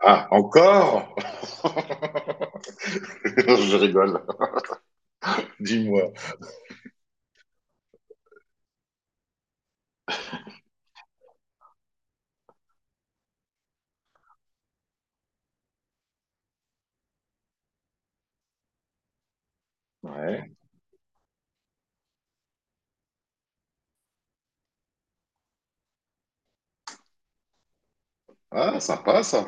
Ah, encore? Je rigole. Dis-moi. Ouais. Ah, sympa ça.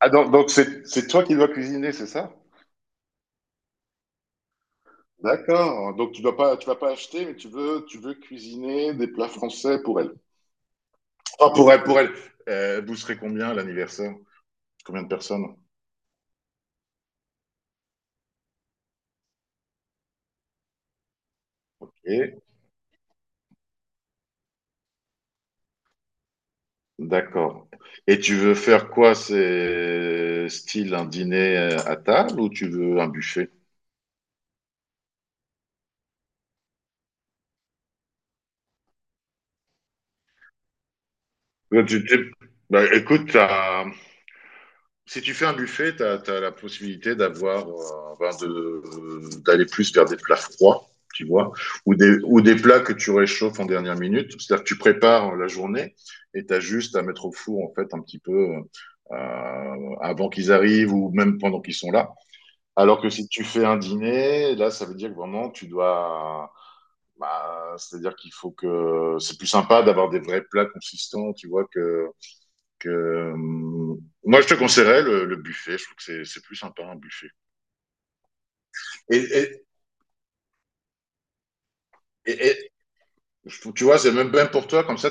Ah, donc c'est toi qui dois cuisiner, c'est ça? D'accord. Donc tu dois pas, tu vas pas acheter, mais tu veux cuisiner des plats français pour elle. Ah, pour elle, pour elle. Vous serez combien à l'anniversaire? Combien de personnes? Et d'accord. Et tu veux faire quoi? C'est style un dîner à table ou tu veux un buffet? Euh, tu- tu- bah, écoute, si tu fais un buffet, tu as la possibilité d'avoir, ben, d'aller plus vers des plats froids, tu vois, ou ou des plats que tu réchauffes en dernière minute. C'est-à-dire que tu prépares la journée et tu as juste à mettre au four, en fait, un petit peu avant qu'ils arrivent ou même pendant qu'ils sont là. Alors que si tu fais un dîner, là, ça veut dire que vraiment, tu dois. Bah, c'est-à-dire qu'il faut que. C'est plus sympa d'avoir des vrais plats consistants, tu vois, que euh, moi, je te conseillerais le buffet. Je trouve que c'est plus sympa un buffet. Et, et, et tu vois, c'est même bien pour toi, comme ça,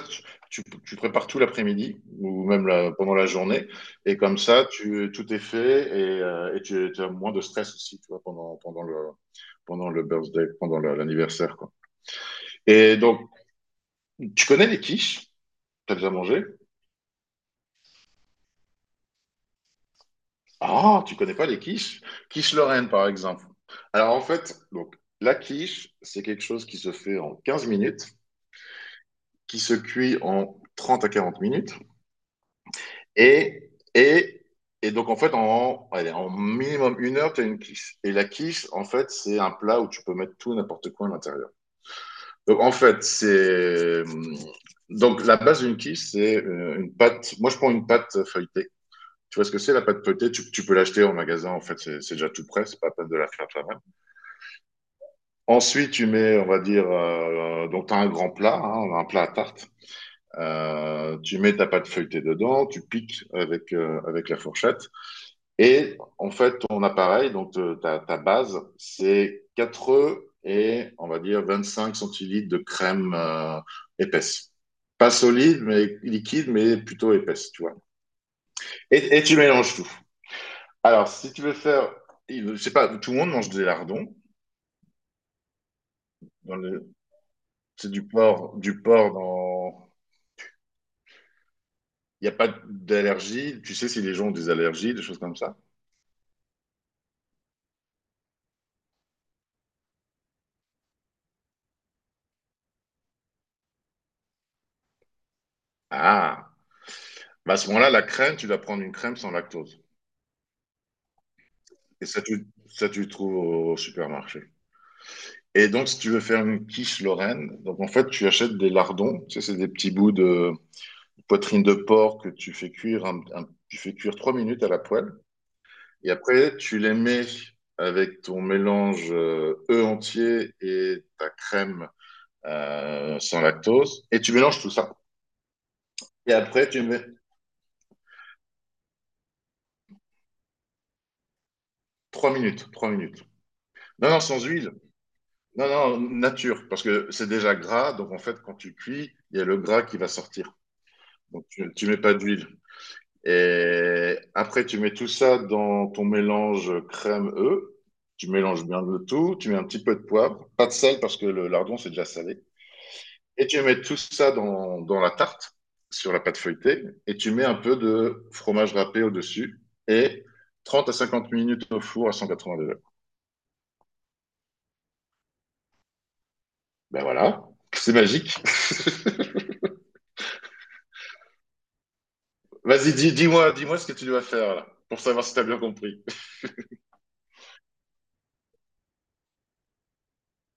tu prépares tout l'après-midi ou même pendant la journée. Et comme ça, tu, tout est fait et tu as moins de stress aussi, tu vois, pendant le birthday, pendant l'anniversaire, quoi. Et donc, tu connais les quiches? T'as déjà mangé? Ah, tu connais pas les quiches? Quiche Lorraine, par exemple. Alors, en fait, donc, la quiche, c'est quelque chose qui se fait en 15 minutes, qui se cuit en 30 à 40 minutes. Et, et, et donc, en fait, en, allez, en minimum 1 heure, tu as une quiche. Et la quiche, en fait, c'est un plat où tu peux mettre tout, n'importe quoi à l'intérieur. Donc, en fait, c'est. Donc, la base d'une quiche, c'est une pâte. Moi, je prends une pâte feuilletée. Tu vois ce que c'est la pâte feuilletée? Tu peux l'acheter en magasin, en fait, c'est déjà tout prêt, c'est pas la peine de la faire toi-même. Ensuite, tu mets, on va dire, donc tu as un grand plat, hein, un plat à tarte. Tu mets ta pâte feuilletée dedans, tu piques avec, avec la fourchette. Et en fait, ton appareil, donc ta base, c'est 4 œufs et on va dire 25 centilitres de crème épaisse. Pas solide, mais liquide, mais plutôt épaisse, tu vois. Et tu mélanges tout. Alors, si tu veux faire, je sais pas, tout le monde mange des lardons. Dans le- c'est du porc dans. Il n'y a pas d'allergie. Tu sais si les gens ont des allergies, des choses comme ça. Ah. Bah, à ce moment-là, la crème, tu dois prendre une crème sans lactose. Et ça, tu le trouves au supermarché. Et donc, si tu veux faire une quiche Lorraine, donc en fait, tu achètes des lardons. Tu sais, c'est des petits bouts de poitrine de porc que tu fais cuire, tu fais cuire 3 minutes à la poêle. Et après, tu les mets avec ton mélange œuf entier et ta crème sans lactose. Et tu mélanges tout ça. Et après, tu mets 3 minutes, 3 minutes. Non, non, sans huile. Non, non, nature, parce que c'est déjà gras, donc en fait, quand tu cuis, il y a le gras qui va sortir. Donc tu mets pas d'huile. Et après, tu mets tout ça dans ton mélange crème-œuf. Tu mélanges bien le tout, tu mets un petit peu de poivre, pas de sel parce que le lardon c'est déjà salé. Et tu mets tout ça dans la tarte, sur la pâte feuilletée, et tu mets un peu de fromage râpé au-dessus, et 30 à 50 minutes au four à 180 degrés. Ben voilà, c'est magique. Vas-y, dis-moi ce que tu dois faire là, pour savoir si tu as bien compris.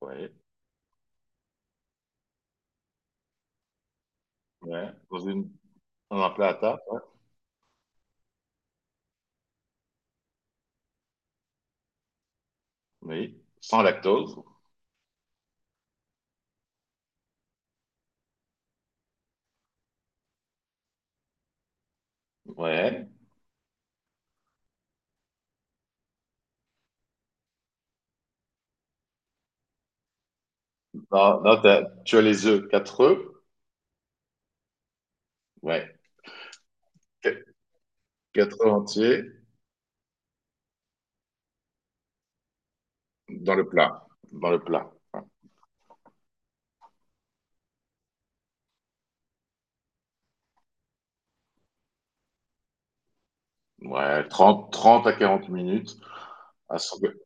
Ouais, ouais, dans une, Dans un plat à tarte, ouais. Oui, sans lactose. Ouais. Non, non, tu as les œufs, 4 œufs. Ouais. Qu- 4 œufs entiers dans le plat, dans le plat. Ouais. Trente à 40 minutes. à ce que-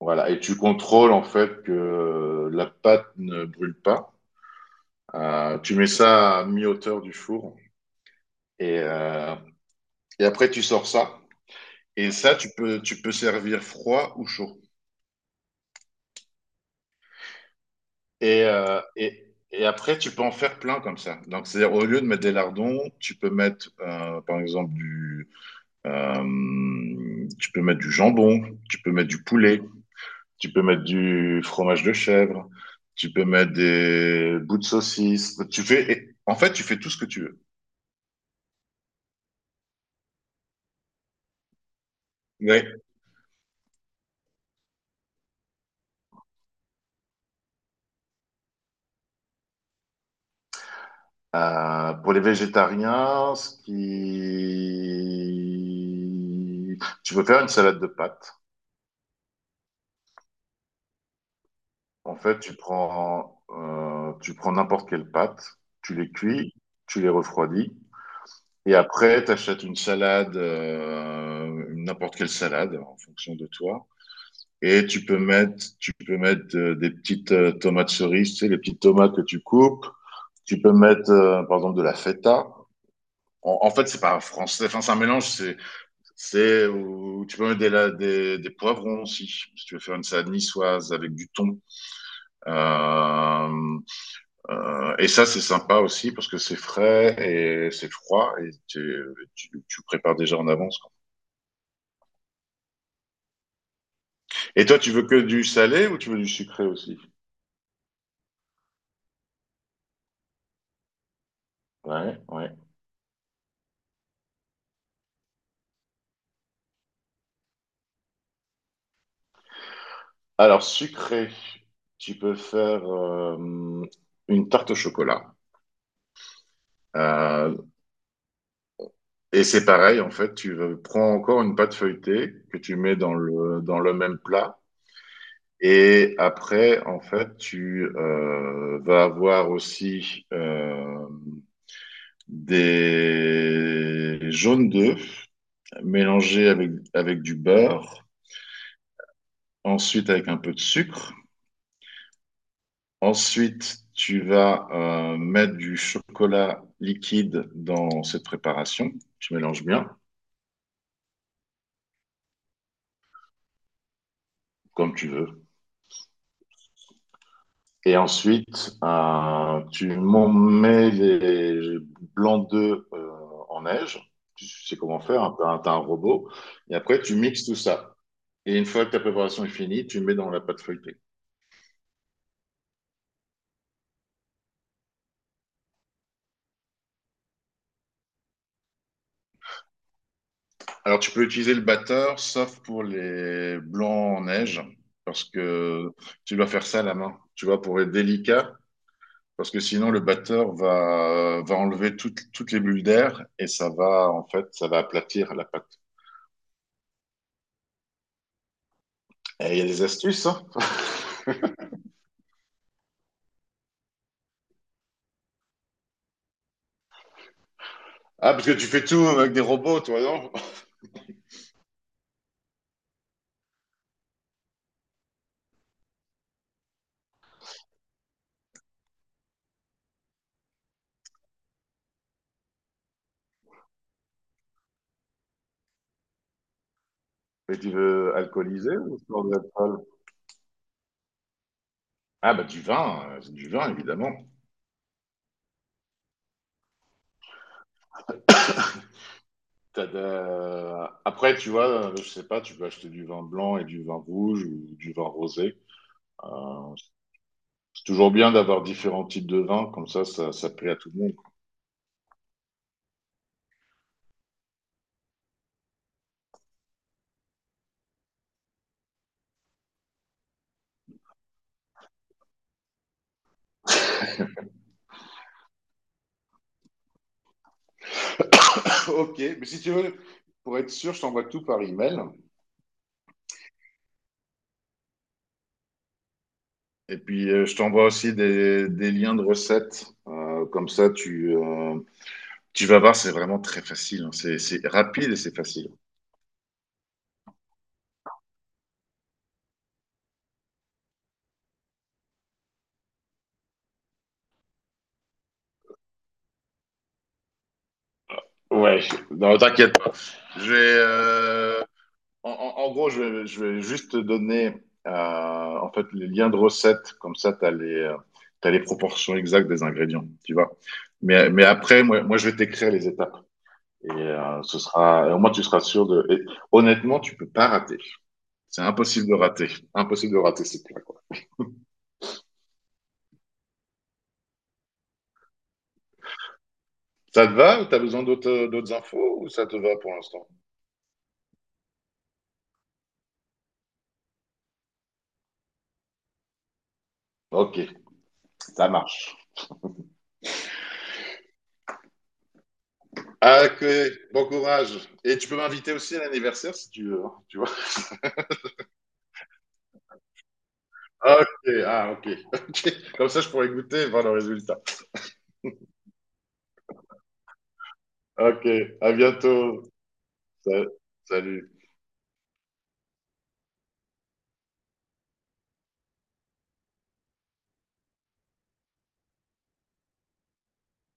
Voilà, et tu contrôles en fait que la pâte ne brûle pas. Tu mets ça à mi-hauteur du four et, euh, et après tu sors ça. Et ça, tu peux servir froid ou chaud. Et après, tu peux en faire plein comme ça. Donc, c'est-à-dire, au lieu de mettre des lardons, tu peux mettre, par exemple, tu peux mettre du jambon, tu peux mettre du poulet, tu peux mettre du fromage de chèvre, tu peux mettre des bouts de saucisse. Tu fais, en fait, tu fais tout ce que tu veux. Oui. Pour les végétariens, ce qui... tu peux faire une salade de pâtes. En fait, tu prends n'importe quelle pâte, tu les cuis, tu les refroidis, et après, tu achètes une salade, n'importe quelle salade en fonction de toi. Et tu peux mettre des petites tomates cerises, tu sais, les petites tomates que tu coupes. Tu peux mettre, par exemple, de la feta. En fait, c'est pas français, enfin, c'est un mélange, c'est où tu peux mettre des poivrons aussi, si tu veux faire une salade niçoise avec du thon. Euh, et ça, c'est sympa aussi parce que c'est frais et c'est froid et tu prépares déjà en avance. Et toi, tu veux que du salé ou tu veux du sucré aussi? Ouais, ouais. Alors, sucré, tu peux faire une tarte au chocolat. Euh, et c'est pareil, en fait, prends encore une pâte feuilletée que tu mets dans le même plat. Et après, en fait, tu vas avoir aussi des jaunes d'œufs mélangés avec du beurre, ensuite avec un peu de sucre. Ensuite, tu vas mettre du chocolat liquide dans cette préparation. Tu mélanges bien, comme tu veux. Et ensuite, tu m'en mets les blancs d'œufs en neige. Tu sais comment faire, hein, t'as un robot. Et après, tu mixes tout ça. Et une fois que ta préparation est finie, tu mets dans la pâte feuilletée. Alors, tu peux utiliser le batteur, sauf pour les blancs en neige, parce que tu dois faire ça à la main, tu vois, pour être délicat, parce que sinon le batteur va enlever toutes les bulles d'air et ça va, en fait, ça va aplatir la pâte. Et il y a des astuces, hein. Ah, parce que tu fais tout avec des robots, toi, non? Mais tu veux alcooliser ou tu veux de l'alcool? Ah, bah, du vin, c'est du vin, évidemment. Après, tu vois, je sais pas, tu peux acheter du vin blanc et du vin rouge ou du vin rosé. Euh, C'est toujours bien d'avoir différents types de vins, comme ça plaît à tout le monde. Ok, mais si tu veux, pour être sûr, je t'envoie tout par email. Et puis, je t'envoie aussi des liens de recettes. Comme ça, tu vas voir, c'est vraiment très facile, hein. C'est rapide et c'est facile. Ouais, non, t'inquiète pas. J'ai euh, en gros, je vais juste te donner en fait les liens de recettes, comme ça tu as les, t'as les proportions exactes des ingrédients, tu vois. Mais après, moi, je vais t'écrire les étapes. Et ce sera, et au moins tu seras sûr de. Et honnêtement, tu peux pas rater. C'est impossible de rater. Impossible de rater ces plats, quoi. Ça te va ou t'as besoin d'autres infos ou ça te va pour l'instant? Ok, ça marche. Ah, ok, bon courage. Et tu peux m'inviter aussi à l'anniversaire si tu veux, hein, tu vois. Ah, ok, ah, ok. Ok. Comme ça, je pourrais goûter et voir le résultat. Ok, à bientôt. Sa- Salut.